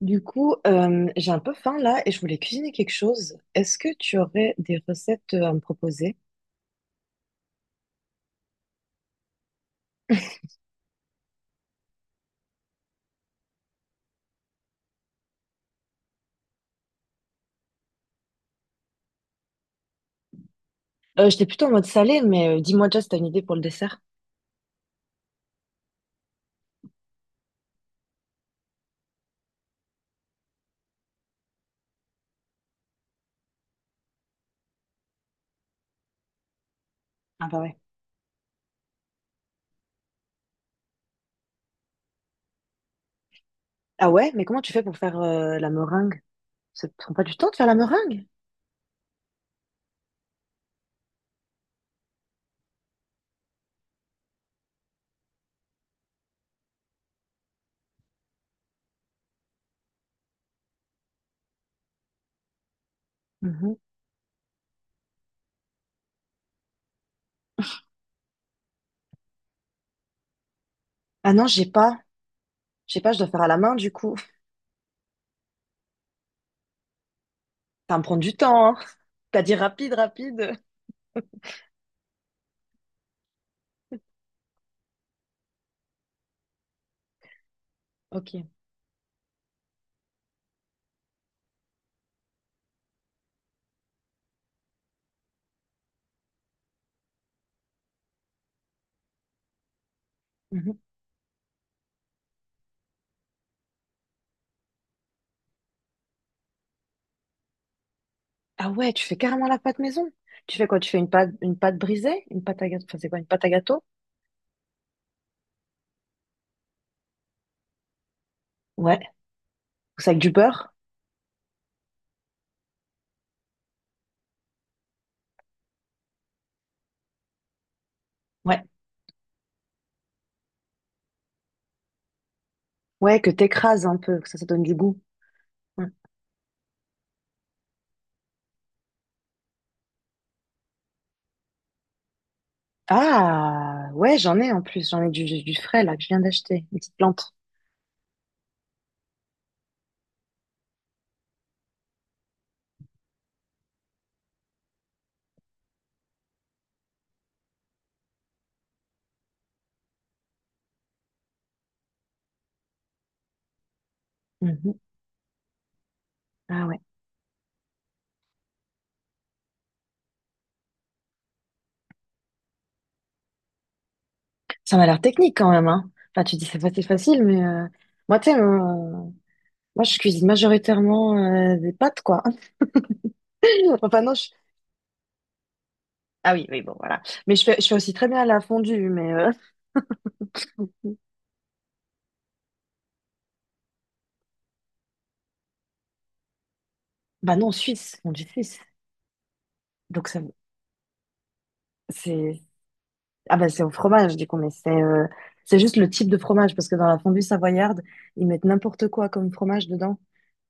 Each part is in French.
Du coup, j'ai un peu faim là et je voulais cuisiner quelque chose. Est-ce que tu aurais des recettes à me proposer? J'étais plutôt en mode salé, mais dis-moi déjà si t'as une idée pour le dessert. Ah bah ouais. Ah ouais, mais comment tu fais pour faire la meringue? Ça te prend pas du temps de faire la meringue? Mhm. Ah non, j'ai pas. J'ai pas, je dois faire à la main du coup. Ça va me prendre du temps, hein. T'as dit rapide, rapide. Ok. Mhm. Ah ouais, tu fais carrément la pâte maison. Tu fais quoi? Tu fais une pâte brisée? Une pâte à gâteau. Enfin, c'est quoi? Une pâte à gâteau? Ouais. Ou ça avec du beurre? Ouais. Ouais, que t'écrases un peu, que ça donne du goût. Mm. Ah, ouais, j'en ai en plus. J'en ai du frais là que je viens d'acheter. Une petite plante. Mhm. Ah ouais. Ça m'a l'air technique quand même, hein. Enfin, tu dis c'est facile, facile, mais moi, tu sais, moi, je cuisine majoritairement des pâtes, quoi. Enfin, non, je... Ah oui, oui, bon, voilà. Mais je fais aussi très bien la fondue, mais... Bah non, suisse, fondue suisse. Donc, ça, c'est... Ah bah, c'est au fromage, du coup, mais c'est... C'est juste le type de fromage, parce que dans la fondue savoyarde, ils mettent n'importe quoi comme fromage dedans.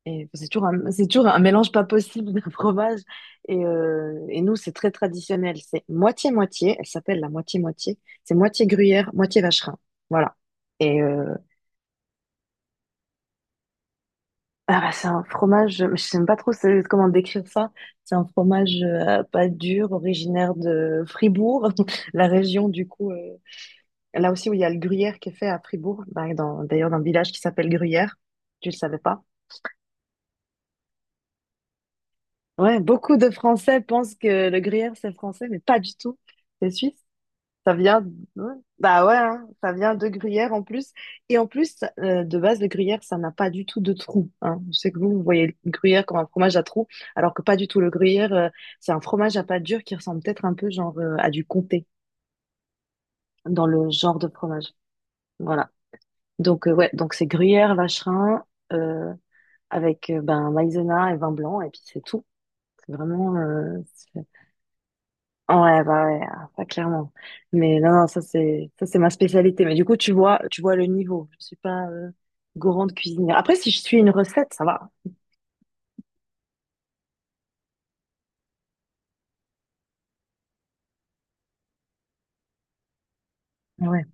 Et c'est toujours un mélange pas possible de fromage. Et nous, c'est très traditionnel. C'est moitié-moitié. Elle s'appelle la moitié-moitié. C'est moitié gruyère, moitié vacherin. Voilà. Et ah bah, c'est un fromage, je sais même pas trop comment décrire ça. C'est un fromage pas dur, originaire de Fribourg, la région du coup. Là aussi où il y a le gruyère qui est fait à Fribourg, bah, d'ailleurs dans un village qui s'appelle Gruyère. Tu le savais pas? Ouais, beaucoup de Français pensent que le gruyère c'est français, mais pas du tout. C'est suisse. Ça vient, ouais. Bah ouais, hein, ça vient de gruyère en plus. Et en plus, de base, le gruyère, ça n'a pas du tout de trou. Hein. Je sais que vous, vous voyez le gruyère comme un fromage à trou, alors que pas du tout. Le gruyère, c'est un fromage à pâte dure qui ressemble peut-être un peu genre à du comté dans le genre de fromage. Voilà. Donc ouais, donc c'est gruyère, vacherin euh, avec ben maïzena et vin blanc et puis c'est tout. C'est vraiment Ouais, bah ouais, ah, ça clairement. Mais non, non, ça c'est ma spécialité. Mais du coup, tu vois le niveau. Je suis pas grande cuisinière. Après, si je suis une recette, ça va. Ouais.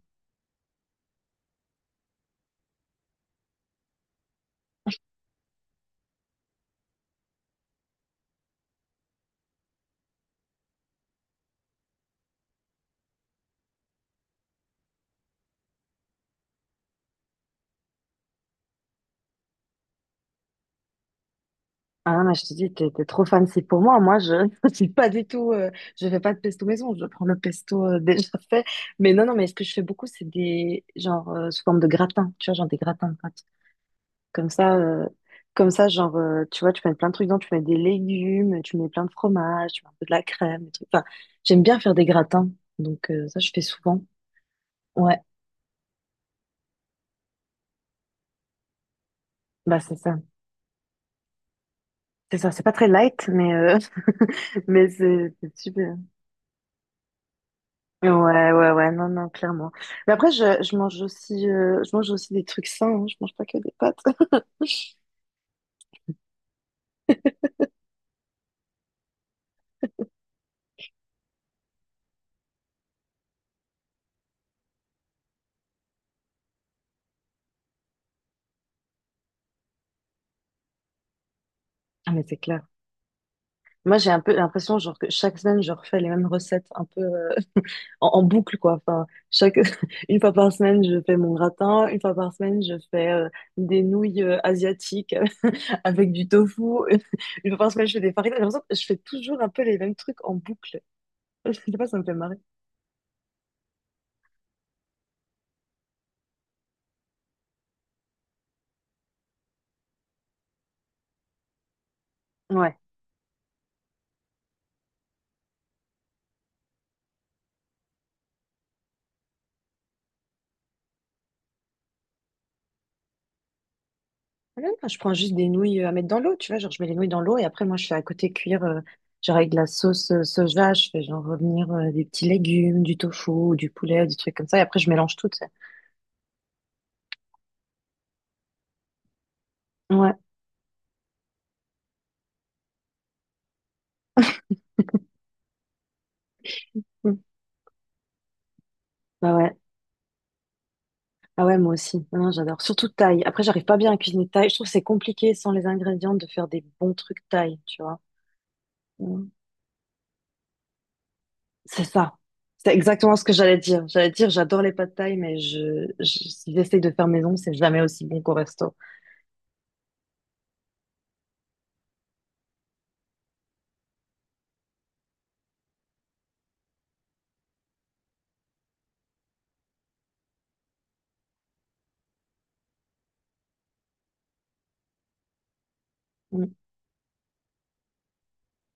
Ah non, mais je te dis, t'es trop fancy pour moi. Moi, je je suis pas du tout. Je fais pas de pesto maison. Je prends le pesto déjà fait. Mais non, non, mais ce que je fais beaucoup, c'est des genre sous forme de gratin. Tu vois, genre des gratins. Comme ça, euh, comme ça, genre, tu vois, tu mets plein de trucs dedans, tu mets des légumes, tu mets plein de fromage, tu mets un peu de la crème, des trucs. Enfin, j'aime bien faire des gratins, donc ça, je fais souvent. Ouais, bah c'est ça. C'est ça, c'est pas très light, mais, mais c'est super. Ouais, ouais, ouais, non, non, clairement. Mais après, je mange aussi, je mange aussi des trucs sains, hein, je mange pas que des pâtes. Ah, mais c'est clair. Moi, j'ai un peu l'impression, genre, que chaque semaine, je refais les mêmes recettes, un peu. En boucle, quoi. Enfin, chaque, une fois par semaine, je fais mon gratin. Une fois par semaine, je fais des nouilles asiatiques avec du tofu. Une fois par semaine, je fais des faritas. J'ai l'impression que je fais toujours un peu les mêmes trucs en boucle. Je sais pas, ça me fait marrer. Ouais. Même quand je prends juste des nouilles à mettre dans l'eau, tu vois, genre je mets les nouilles dans l'eau et après moi je fais à côté cuire, genre avec de la sauce soja, je fais genre revenir des petits légumes, du tofu, du poulet, des trucs comme ça et après je mélange tout, tu sais. Ouais. Mm. Bah ouais. Ah ouais, moi aussi. Non, non, j'adore. Surtout thaï. Après, j'arrive pas bien à cuisiner thaï. Je trouve que c'est compliqué sans les ingrédients de faire des bons trucs thaï, tu vois. Mm. C'est ça. C'est exactement ce que j'allais dire. J'allais dire, j'adore les pâtes thaï, mais si j'essaye de faire maison, c'est jamais aussi bon qu'au resto. Mm.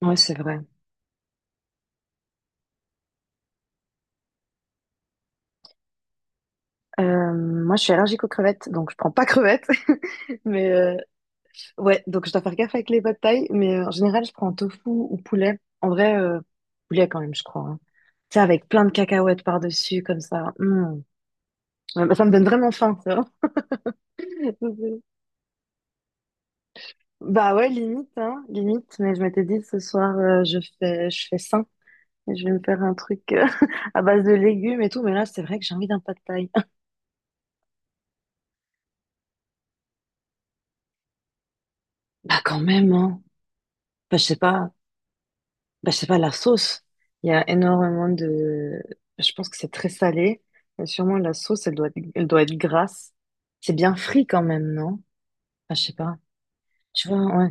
Ouais, c'est vrai. Euh, Moi, je suis allergique aux crevettes, donc je prends pas crevettes. Mais ouais, donc je dois faire gaffe avec les pad thaï, mais en général, je prends tofu ou poulet. En vrai, poulet quand même, je crois. Hein. Tu sais, avec plein de cacahuètes par-dessus, comme ça. Mm. Ouais, bah, ça me donne vraiment faim, ça. Bah ouais, limite, hein, limite. Mais je m'étais dit, ce soir, je fais sain. Et je vais me faire un truc à base de légumes et tout. Mais là, c'est vrai que j'ai envie d'un pad thaï. Bah quand même, hein. Bah, je sais pas. Bah, je sais pas, la sauce. Il y a énormément de... Je pense que c'est très salé. Et sûrement, la sauce, elle doit être grasse. C'est bien frit quand même, non? Bah, je sais pas. Tu vois, ouais.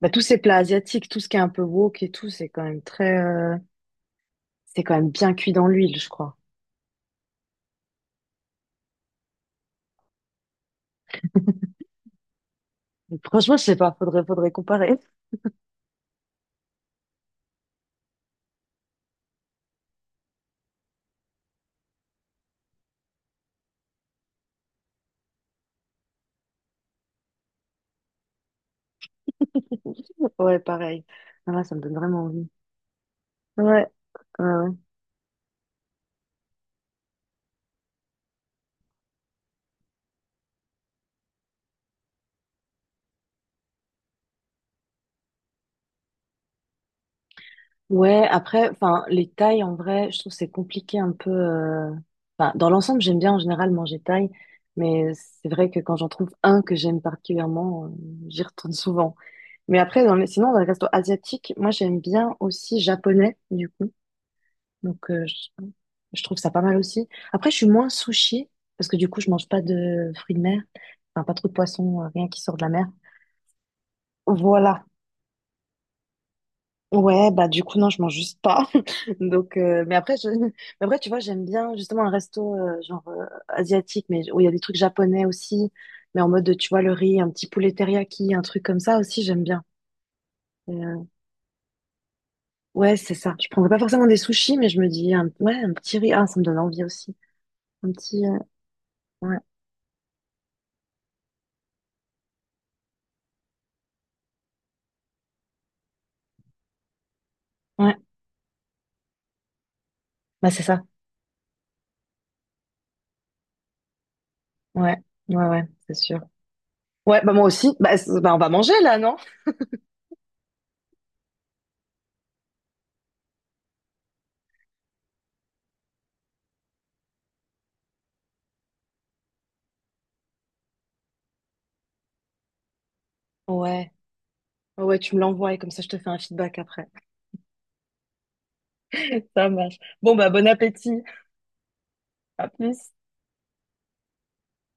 Bah, tous ces plats asiatiques, tout ce qui est un peu wok et tout, c'est quand même très... c'est quand même bien cuit dans l'huile, je crois. Donc, franchement, je sais pas, faudrait comparer. Ouais, pareil. Ah, là, ça me donne vraiment envie. Ouais, ouais, ouais. Ouais, après, enfin, les tailles, en vrai, je trouve que c'est compliqué un peu. Enfin, dans l'ensemble, j'aime bien en général manger taille, mais c'est vrai que quand j'en trouve un que j'aime particulièrement, j'y retourne souvent. Mais après, dans les... sinon, dans les restos asiatiques, moi, j'aime bien aussi japonais, du coup. Donc, je trouve ça pas mal aussi. Après, je suis moins sushi, parce que du coup, je mange pas de fruits de mer, enfin, pas trop de poissons, rien qui sort de la mer. Voilà. Ouais, bah du coup, non, je mange juste pas. Donc, mais après, je... mais après, tu vois, j'aime bien justement un resto genre asiatique, mais où il y a des trucs japonais aussi, mais en mode, tu vois, le riz, un petit poulet teriyaki, un truc comme ça aussi, j'aime bien. Et, ouais, c'est ça. Je prendrais pas forcément des sushis, mais je me dis, un... ouais, un petit riz, ah, ça me donne envie aussi. Un petit, ouais, ouais, bah c'est ça. Ouais, ouais, ouais, c'est sûr. Ouais, bah moi aussi, bah, c'est- bah, on va manger là, non? Ouais, ouais, tu me l'envoies et comme ça, je te fais un feedback après. Ça marche. Bon, bah bon appétit. À plus.